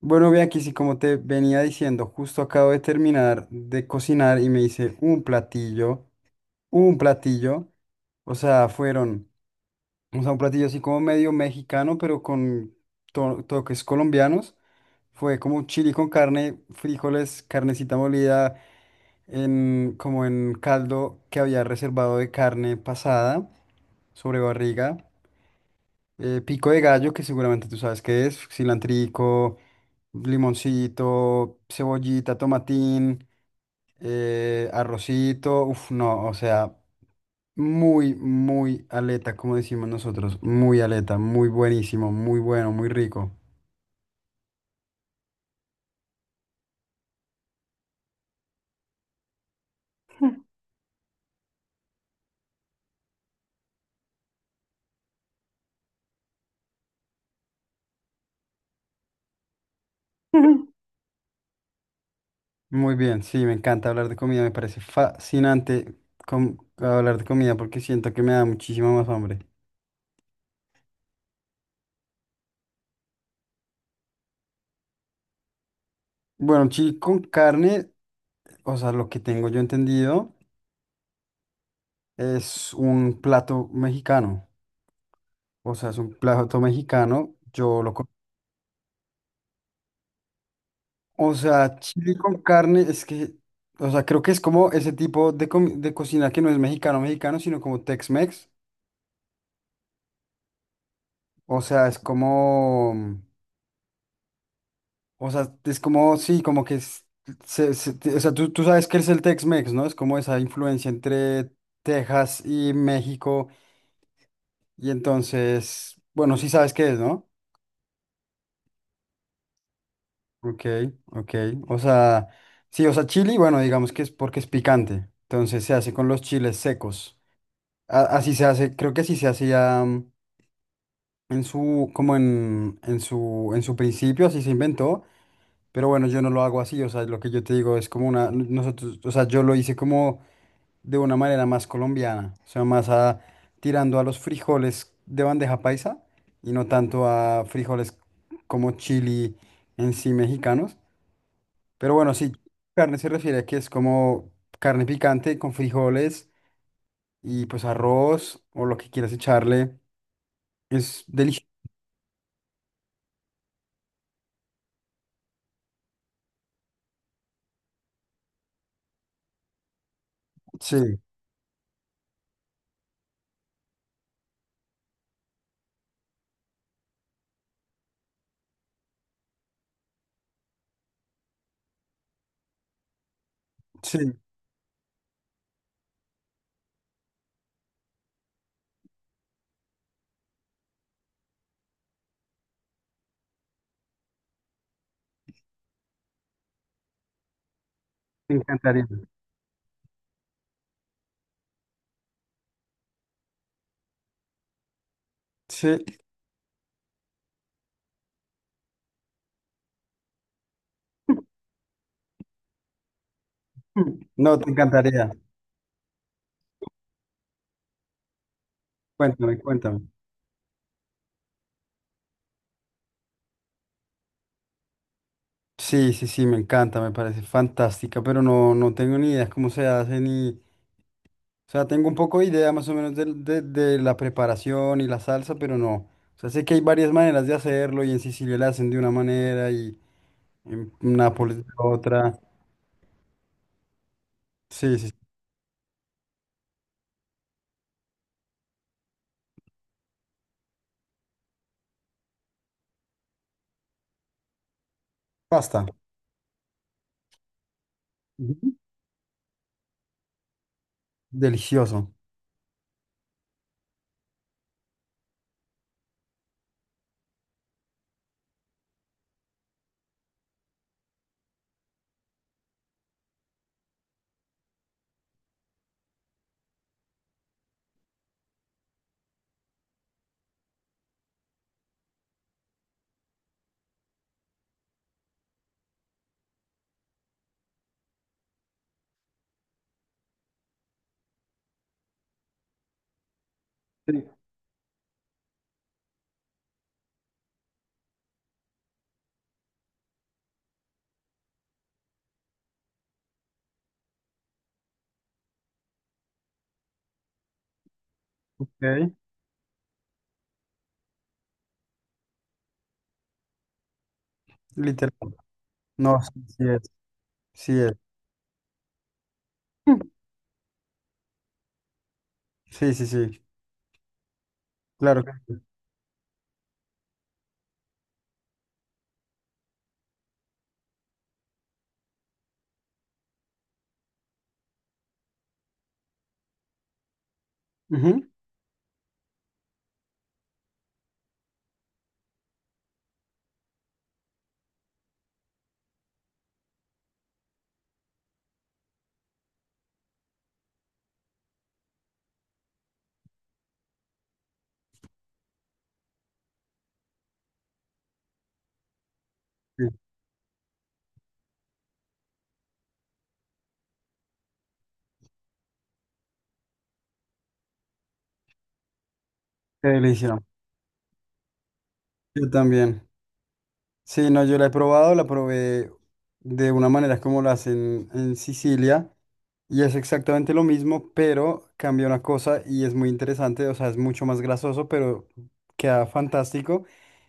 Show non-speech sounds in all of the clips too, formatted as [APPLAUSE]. Bueno, ve aquí sí, como te venía diciendo, justo acabo de terminar de cocinar y me hice un platillo, o sea, o sea, un platillo así como medio mexicano, pero con toques colombianos. Fue como un chili con carne, frijoles, carnecita molida, como en caldo que había reservado de carne pasada sobre barriga. Pico de gallo, que seguramente tú sabes qué es, cilantrico, limoncito, cebollita, tomatín, arrocito. Uf, no, o sea, muy, muy aleta, como decimos nosotros. Muy aleta, muy buenísimo, muy bueno, muy rico. Muy bien, sí, me encanta hablar de comida, me parece fascinante hablar de comida porque siento que me da muchísima más hambre. Bueno, sí, con carne, o sea, lo que tengo yo entendido es un plato mexicano, o sea, es un plato mexicano, yo lo O sea, chile con carne, es que, o sea, creo que es como ese tipo de, de cocina que no es mexicano, mexicano, sino como Tex-Mex. O sea, es como, o sea, es como, sí, como que es, o sea, tú sabes que es el Tex-Mex, ¿no? Es como esa influencia entre Texas y México. Y entonces, bueno, sí sabes qué es, ¿no? Ok, ok. O sea, sí, o sea, chili, bueno, digamos que es porque es picante. Entonces se hace con los chiles secos. Así se hace, creo que así se hacía mm, en su, como en su principio, así se inventó, pero bueno, yo no lo hago así, o sea, lo que yo te digo es como una, nosotros, o sea, yo lo hice como de una manera más colombiana, o sea, más a, tirando a los frijoles de bandeja paisa y no tanto a frijoles como chili en sí mexicanos, pero bueno, sí, carne se refiere a que es como carne picante con frijoles y pues arroz o lo que quieras echarle. Es delicioso. Sí, sí, te encantaría. Sí, [CLEARS THROAT] no, te encantaría. Cuéntame, cuéntame. Sí, sí, sí, me encanta, me parece fantástica, pero no, no tengo ni idea cómo se hace ni... O sea, tengo un poco de idea más o menos de la preparación y la salsa, pero no. O sea, sé que hay varias maneras de hacerlo y en Sicilia la hacen de una manera y en Nápoles de otra. Sí, sí, sí. Pasta. Ujú. Delicioso. Ok. Literal. No, sí, sí es. Sí es. Sí, sí, sí. Claro que sí. Ujú. Sí, qué delicia. Yo también. Sí, no, yo la he probado, la probé de una manera como la hacen en Sicilia y es exactamente lo mismo, pero cambia una cosa y es muy interesante, o sea, es mucho más grasoso, pero queda fantástico.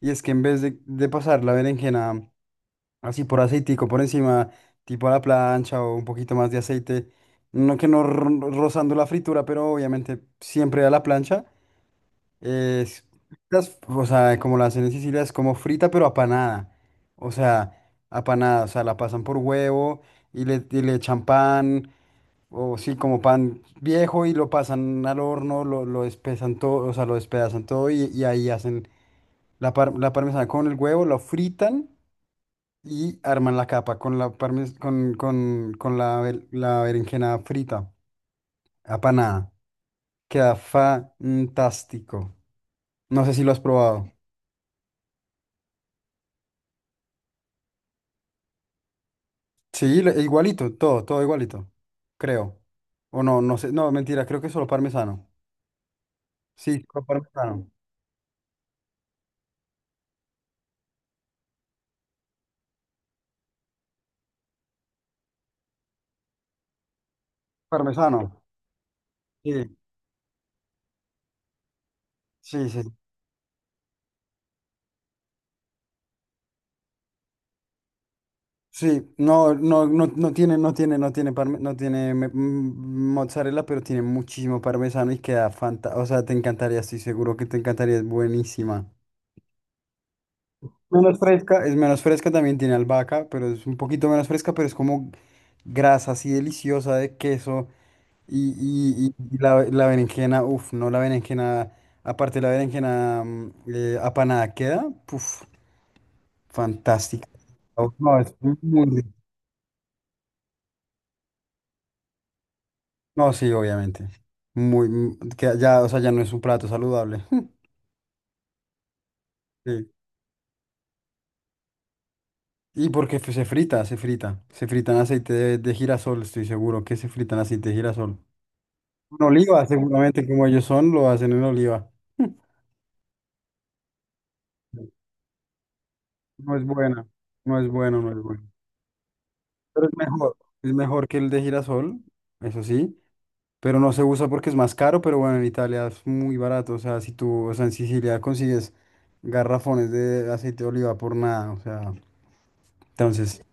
Y es que en vez de pasar la berenjena así por aceitico por encima, tipo a la plancha o un poquito más de aceite, no que no rozando la fritura, pero obviamente siempre a la plancha. Es, o sea, como la hacen en Sicilia, es como frita, pero apanada. O sea, apanada, o sea, la pasan por huevo y le echan pan, o sí, como pan viejo y lo pasan al horno, lo despezan todo, o sea, lo despedazan todo y ahí hacen la, la parmesana con el huevo, lo fritan y arman la capa con la, parmes- con la, bel- la berenjena frita, apanada. Queda fantástico. No sé si lo has probado. Sí, igualito, todo, todo igualito, creo. O no, no sé, no, mentira, creo que es solo parmesano. Sí, solo parmesano. Parmesano. Sí, sí, sí. Sí, no, no, no, no tiene mozzarella, pero tiene muchísimo parmesano y queda fantástico. O sea, te encantaría, estoy seguro que te encantaría, es buenísima. Menos fresca, es menos fresca, también tiene albahaca, pero es un poquito menos fresca, pero es como grasa así deliciosa de queso. Y la berenjena, uff, no, la berenjena, aparte la berenjena apanada queda, uff, fantástica. Oh, no, es muy rico. No, sí, obviamente. Muy, que ya, o sea, ya no es un plato saludable. [LAUGHS] Sí. Y porque se frita en aceite de girasol, estoy seguro que se frita en aceite de girasol. En oliva, seguramente, como ellos son, lo hacen en oliva. No es buena, no es bueno, no es bueno. Pero es mejor que el de girasol, eso sí. Pero no se usa porque es más caro, pero bueno, en Italia es muy barato, o sea, si tú, o sea, en Sicilia consigues garrafones de aceite de oliva por nada, o sea, entonces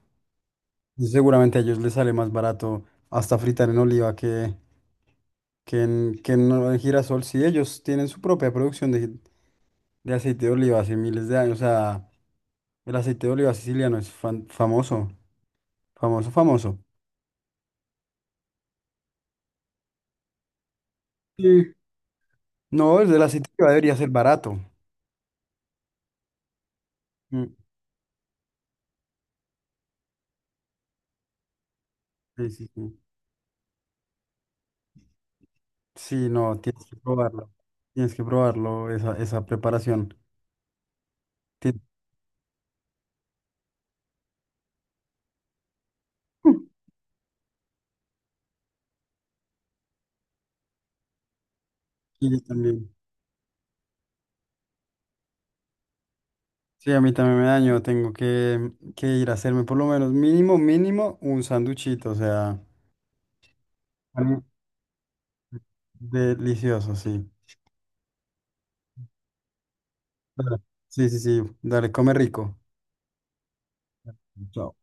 seguramente a ellos les sale más barato hasta fritar en oliva que en en girasol, si ellos tienen su propia producción de aceite de oliva hace miles de años, o sea, el aceite de oliva siciliano es famoso, famoso, famoso. Sí. No, el del aceite de oliva debería ser barato. Mm, sí, sí, sí. Sí, no, tienes que probarlo. Tienes que probarlo, esa preparación. Ti- [LAUGHS] Y yo también. Sí, a mí también me daño. Tengo que ir a hacerme por lo menos mínimo, mínimo un sanduchito. O sea, algo delicioso, sí. Dale. Sí, sí, sí. Dale, come rico. Chao.